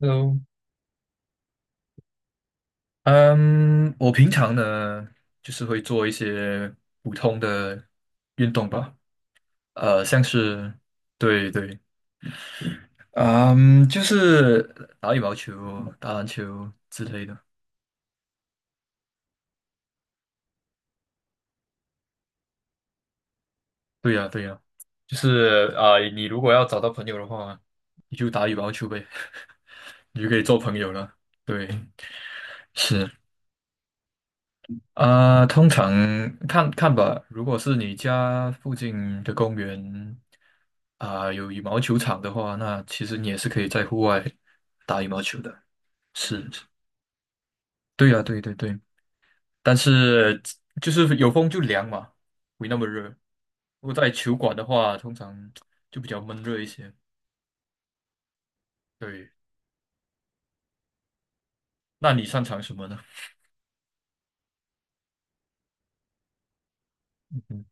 Hello，嗯，我平常呢，就是会做一些普通的运动吧，像是，对对，嗯，就是打羽毛球、打篮球之类的。对呀，对呀，就是啊，你如果要找到朋友的话，你就打羽毛球呗，你就可以做朋友了。对，是。啊，通常看看吧。如果是你家附近的公园啊，有羽毛球场的话，那其实你也是可以在户外打羽毛球的。是，是对呀，对对对。但是就是有风就凉嘛，没那么热。如果在球馆的话，通常就比较闷热一些。对，那你擅长什么呢？嗯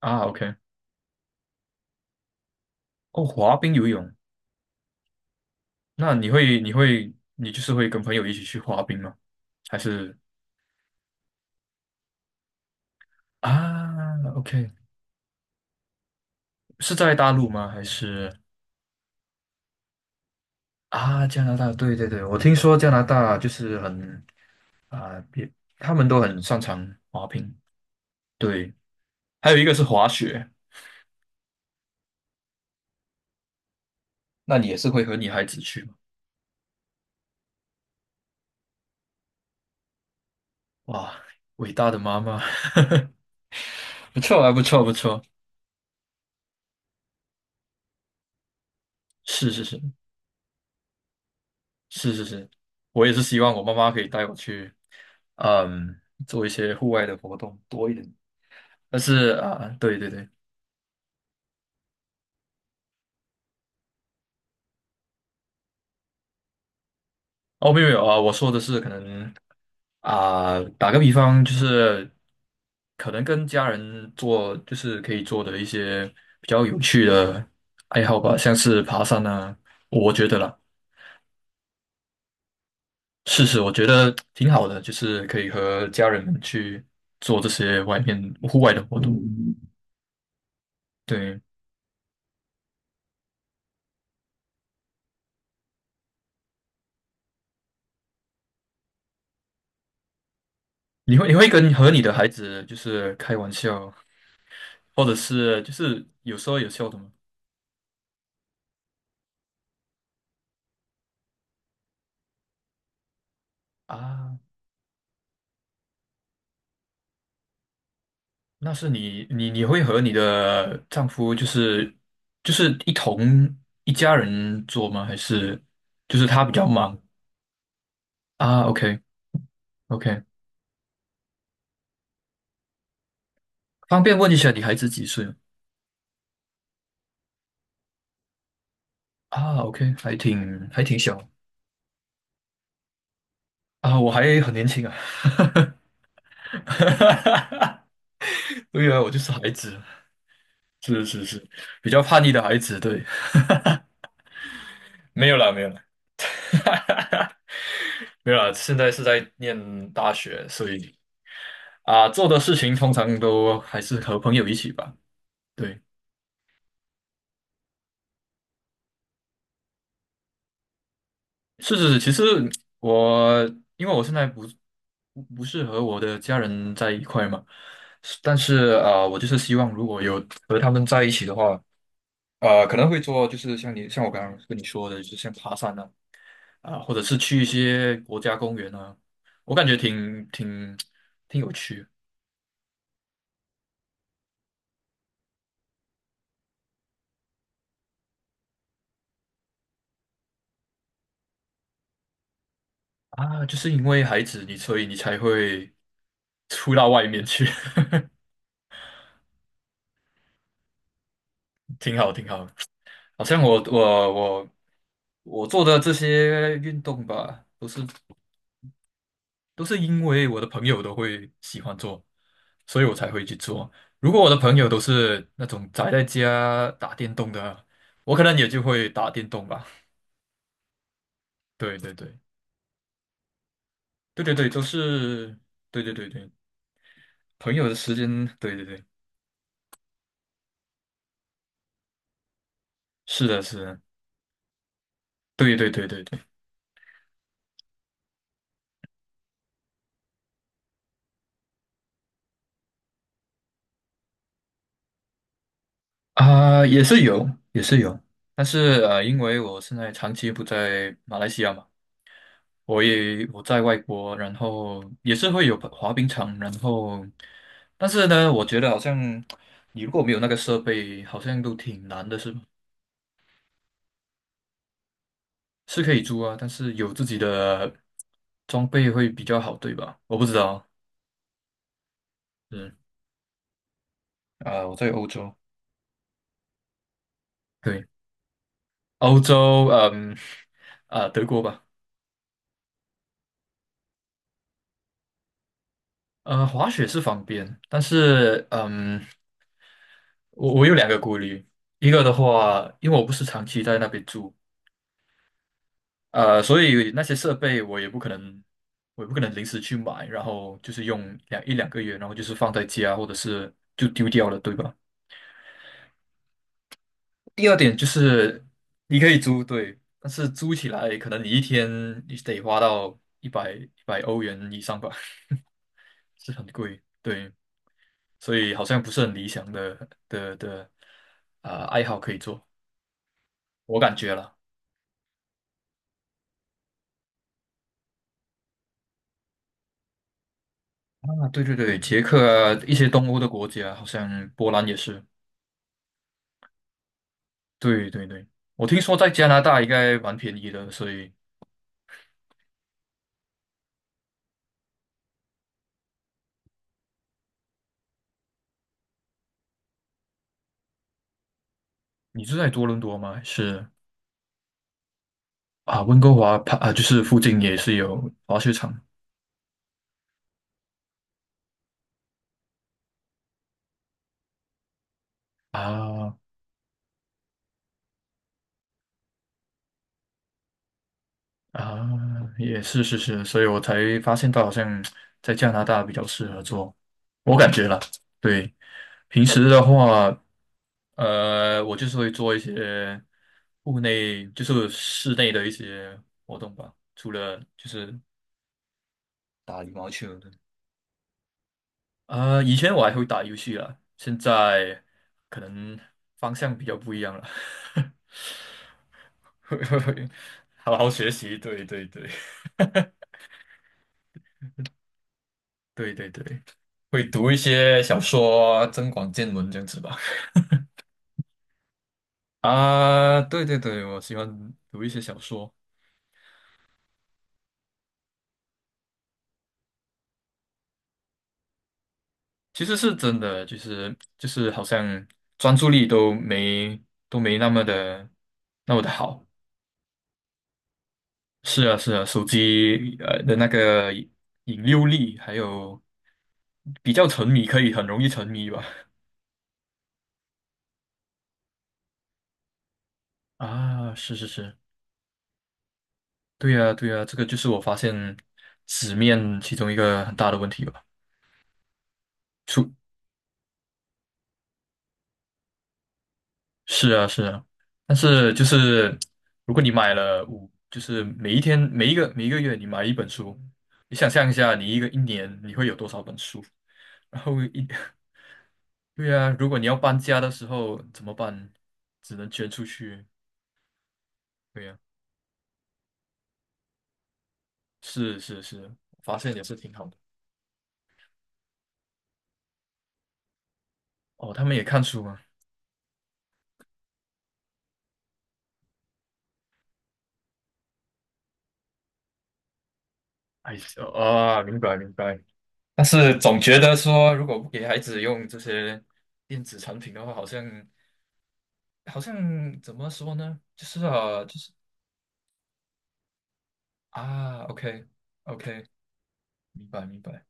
啊，OK，哦，滑冰、游泳。那你就是会跟朋友一起去滑冰吗？还是？啊，OK，是在大陆吗？还是啊，加拿大？对对对，我听说加拿大就是很啊，别他们都很擅长滑冰。对，还有一个是滑雪，那你也是会和女孩子去吗？哇，伟大的妈妈，不错啊，不错不错，是是是是是是，我也是希望我妈妈可以带我去，嗯，做一些户外的活动多一点。但是啊，对对对，哦，没有没有啊，我说的是可能啊、打个比方，就是可能跟家人做，就是可以做的一些比较有趣的爱好吧，像是爬山啊，我觉得啦，是是，我觉得挺好的，就是可以和家人们去做这些外面户外的活动。对，你会跟和你的孩子就是开玩笑，或者是就是有说有笑的吗？啊那是你会和你的丈夫就是一同一家人做吗？还是就是他比较忙啊？OK OK，方便问一下你孩子几岁吗？啊？OK，还挺小啊，我还很年轻啊，哈对啊，我就是孩子，是是是，比较叛逆的孩子，对，没有啦没有啦，没有啦，现在是在念大学，所以啊，做的事情通常都还是和朋友一起吧。对。是是是，其实我因为我现在不是和我的家人在一块嘛，是但是啊，我就是希望如果有和他们在一起的话，可能会做就是像我刚刚跟你说的，就是像爬山啊、或者是去一些国家公园啊，我感觉挺有趣的啊，就是因为孩子所以你才会出到外面去，挺好挺好好像我做的这些运动吧，都是因为我的朋友都会喜欢做，所以我才会去做。如果我的朋友都是那种宅在家打电动的，我可能也就会打电动吧。对对对，对对对，都是，对对对对，朋友的时间，对对对，是的，是的，对对对对对，啊、也是有，也是有，但是因为我现在长期不在马来西亚嘛。我在外国，然后也是会有滑冰场，然后，但是呢，我觉得好像你如果没有那个设备，好像都挺难的，是吧？是可以租啊，但是有自己的装备会比较好，对吧？我不知道，嗯啊、我在欧洲，对，欧洲，啊、德国吧，滑雪是方便，但是我有两个顾虑，一个的话，因为我不是长期在那边住。所以那些设备我也不可能，临时去买，然后就是用一两个月，然后就是放在家或者是就丢掉了，对吧？第二点就是你可以租，对，但是租起来可能你一天你得花到100欧元以上吧，是很贵，对，所以好像不是很理想的啊、爱好可以做，我感觉了。啊，对对对，捷克啊，一些东欧的国家，好像波兰也是。对对对，我听说在加拿大应该蛮便宜的，所以你是在多伦多吗？还是啊，温哥华旁啊，就是附近也是有滑雪场啊啊，也是是是，所以我才发现到好像在加拿大比较适合做，我感觉了。对，平时的话，我就是会做一些户内，就是室内的一些活动吧，除了就是打羽毛球。以前我还会打游戏啦，现在可能方向比较不一样了，会会会好好学习，对对对对对对，会读一些小说，增广见闻这样子吧。啊，对对对，我喜欢读一些小说，其实是真的，就是好像专注力都没那么的好。是啊，是啊，手机的那个引诱力，还有比较沉迷，可以很容易沉迷吧？啊，是是是，对呀，对呀，这个就是我发现纸面其中一个很大的问题吧。出，是啊，是啊，但是就是如果你买了就是每一天每一个月你买一本书，你想象一下，你一年你会有多少本书？然后对啊，如果你要搬家的时候怎么办？只能捐出去，对呀、是是是，发现也是挺好的。哦，他们也看书吗？哎啊，明白明白。但是总觉得说，如果不给孩子用这些电子产品的话，好像怎么说呢？就是啊，就是啊，OK OK，明白明白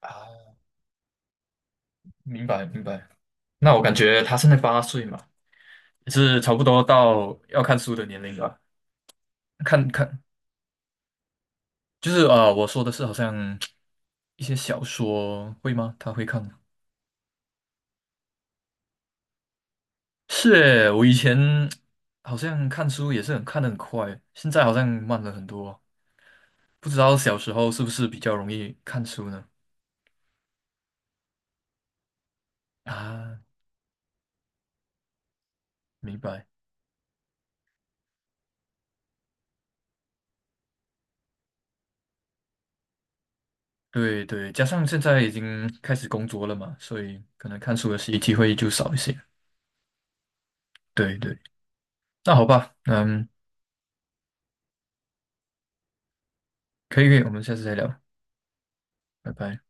啊，明白明白。那我感觉他现在8岁嘛，也是差不多到要看书的年龄了。看看，就是啊，我说的是好像一些小说会吗？他会看吗？是诶，我以前好像看书也是很看的很快，现在好像慢了很多。不知道小时候是不是比较容易看书呢？啊，明白。对对，加上现在已经开始工作了嘛，所以可能看书的时机会就少一些。对对，那好吧，可以，我们下次再聊，拜拜。